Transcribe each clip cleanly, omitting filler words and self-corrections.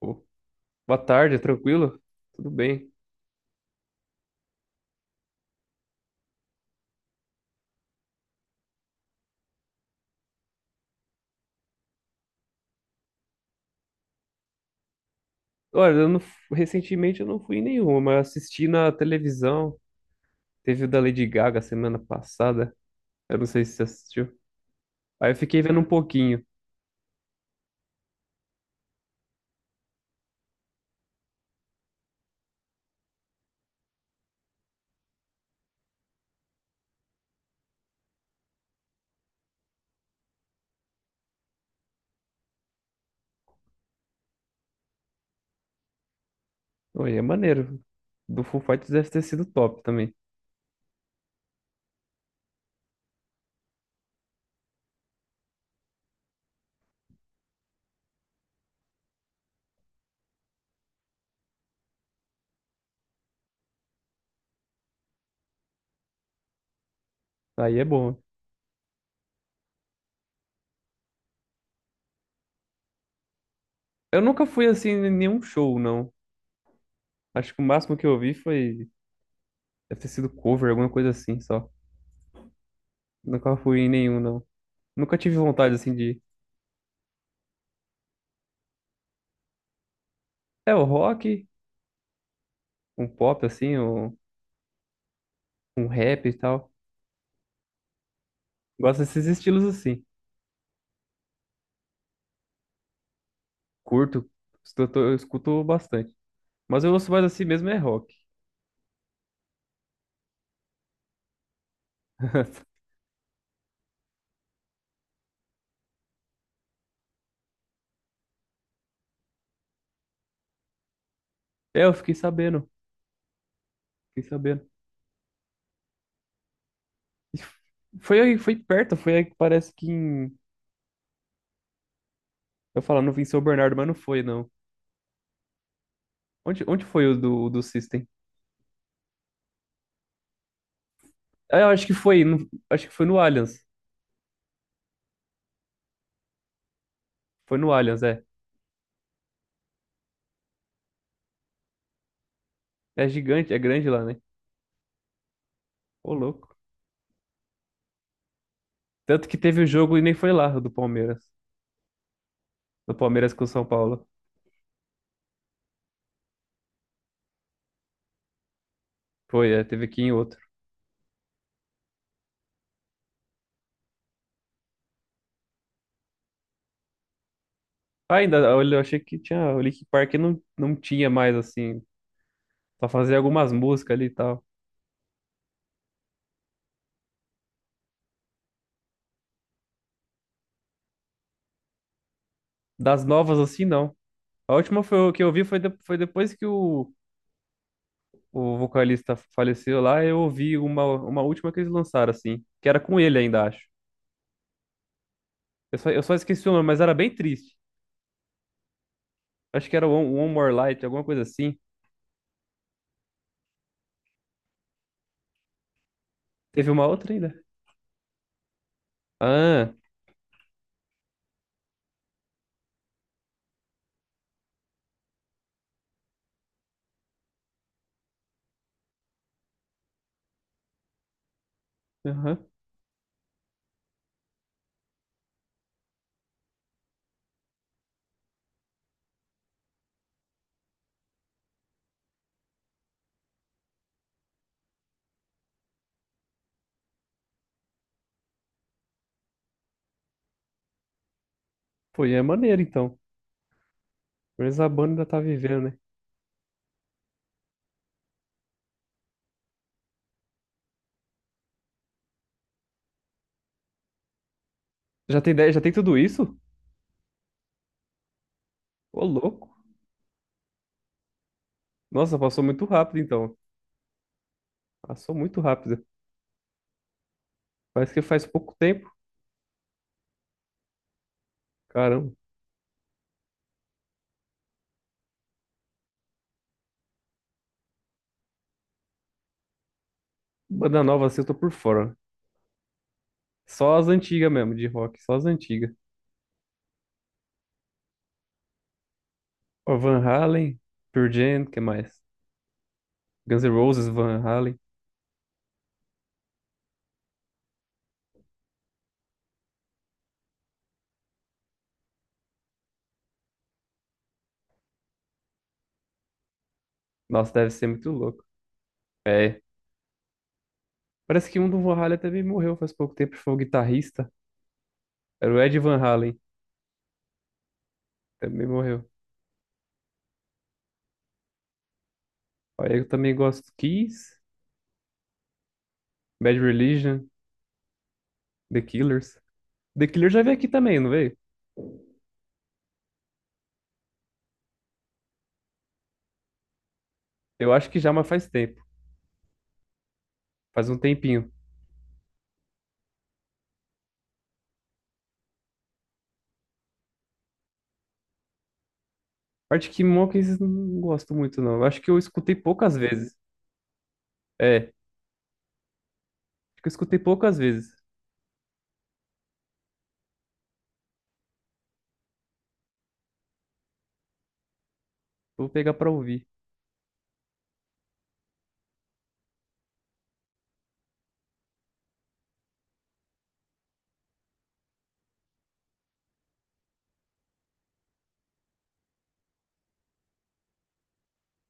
Ô, boa tarde, tranquilo? Tudo bem. Olha, eu não, recentemente eu não fui em nenhuma, mas assisti na televisão. Teve o da Lady Gaga semana passada. Eu não sei se você assistiu. Aí eu fiquei vendo um pouquinho. Olha, é maneiro. Do Foo Fighters deve ter sido top também. Aí é bom. Eu nunca fui assim em nenhum show, não. Acho que o máximo que eu vi foi. Deve ter sido cover, alguma coisa assim só. Nunca fui em nenhum, não. Nunca tive vontade assim de. É, o rock, um pop assim, um rap e tal. Gosto desses estilos assim. Curto, escuto, eu escuto bastante. Mas eu ouço mais assim mesmo é rock. É, fiquei sabendo. E f- Foi aí, foi perto, foi aí que parece que em... Eu falar, não vim em São Bernardo, mas não foi, não. Onde foi o do System? Ah, eu acho que foi, no- acho que foi no Allianz. Foi no Allianz, é. É gigante, é grande lá, né? Ô, louco. Tanto que teve o jogo e nem foi lá, o do Palmeiras. Do Palmeiras com o São Paulo. Foi, é, teve aqui em outro. Ah, ainda, olha, eu achei que tinha, o Linkin Park não tinha mais, assim, só fazia algumas músicas ali e tal. Das novas, assim, não. A última foi, o que eu vi foi, de- Foi depois que o vocalista faleceu lá, eu ouvi uma última que eles lançaram, assim, que era com ele ainda, acho. Eu só esqueci o nome, mas era bem triste. Acho que era One More Light, alguma coisa assim. Teve uma outra ainda? Ah, aham. Pô, e é maneiro, então. Pelo menos a banda ainda tá vivendo, né? Já tem tudo isso? Ô, louco. Nossa, passou muito rápido, então. Passou muito rápido. Parece que faz pouco tempo. Caramba. Banda nova assim eu tô por fora. Só as antigas mesmo, de rock. Só as antigas. Ó, Van Halen, Pearl Jam, o que mais? Guns N' Roses, Van Halen. Nossa, deve ser muito louco. É. Parece que um do Van Halen também morreu faz pouco tempo. Foi o guitarrista. Era o Ed Van Halen. Também morreu. Ó, eu também gosto do Kiss, Bad Religion, The Killers. The Killers já veio aqui também, não veio? Eu acho que já, mas faz tempo. Faz um tempinho. Arctic Monkeys eu não gosto muito, não. Eu acho que eu escutei poucas vezes. É, acho que eu escutei poucas vezes. Vou pegar pra ouvir.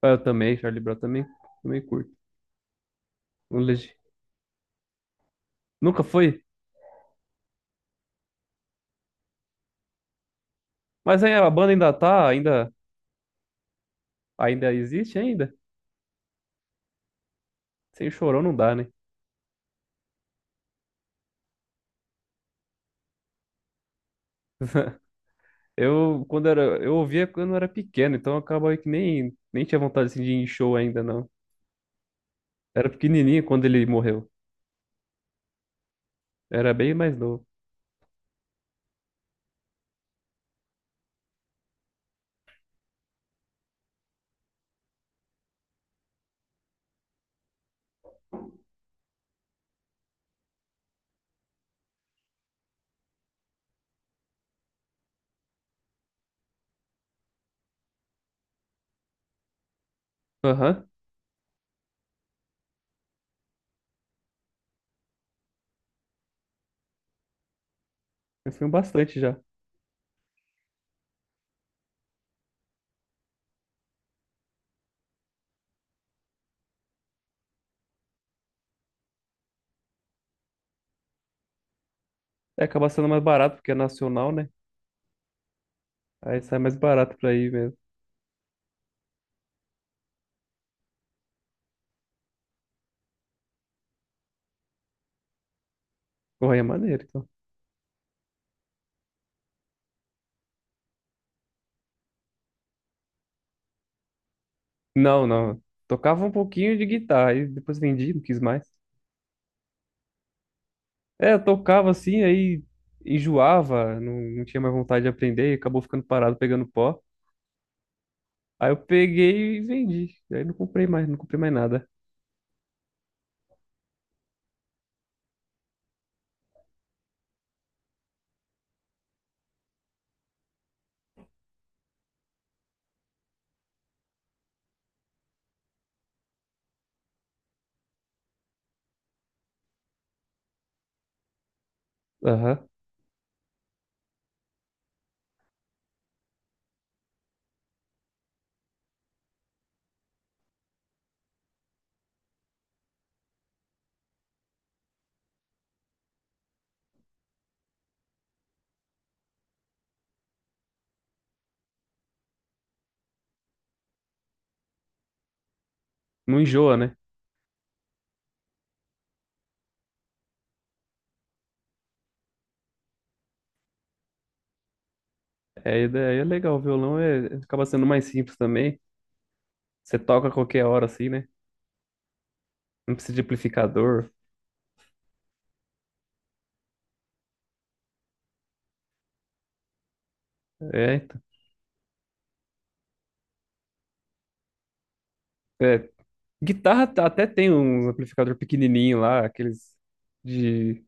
Ah, eu também, Charlie Brown também, também curto. Não legi- Nunca foi? Mas aí a banda ainda existe ainda? Sem chorão não dá, né? Eu ouvia quando eu era pequeno, então acaba que nem tinha vontade assim, de ir em show ainda, não. Era pequenininho quando ele morreu. Era bem mais novo. Aham, eu fui um bastante já. É, acaba sendo mais barato porque é nacional, né? Aí sai mais barato pra ir mesmo. Correia maneiro, então. Não, não. Tocava um pouquinho de guitarra, e depois vendi, não quis mais. É, eu tocava assim, aí enjoava, não tinha mais vontade de aprender, e acabou ficando parado pegando pó. Aí eu peguei e vendi. Aí não comprei mais, não comprei mais nada. Aham. Não enjoa, né? É, e daí é legal, o violão é, acaba sendo mais simples também. Você toca a qualquer hora assim, né? Não precisa de amplificador. É, então. É. Guitarra tá- até tem um amplificador pequenininho lá, aqueles de.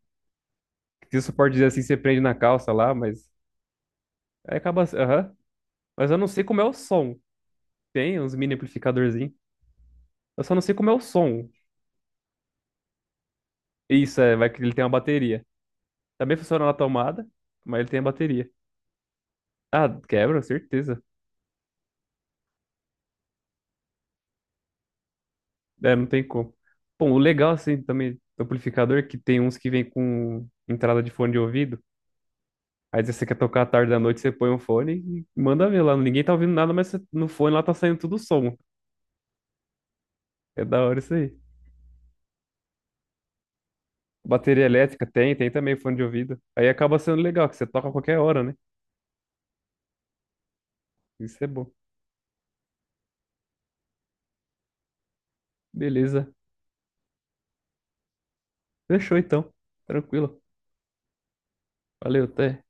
Se você pode dizer assim, você prende na calça lá, mas. Aí acaba. Aham. Mas eu não sei como é o som. Tem uns mini amplificadorzinhos. Eu só não sei como é o som. Isso, é, vai que ele tem uma bateria. Também funciona na tomada, mas ele tem a bateria. Ah, quebra, certeza. É, não tem como. Bom, o legal assim também do amplificador é que tem uns que vem com entrada de fone de ouvido. Aí se você quer tocar à tarde da noite, você põe um fone e manda ver lá. Ninguém tá ouvindo nada, mas você- no fone lá tá saindo tudo som. É da hora isso aí. Bateria elétrica tem, tem também fone de ouvido. Aí acaba sendo legal, que você toca a qualquer hora, né? Isso é bom. Beleza. Fechou então. Tranquilo. Valeu, até.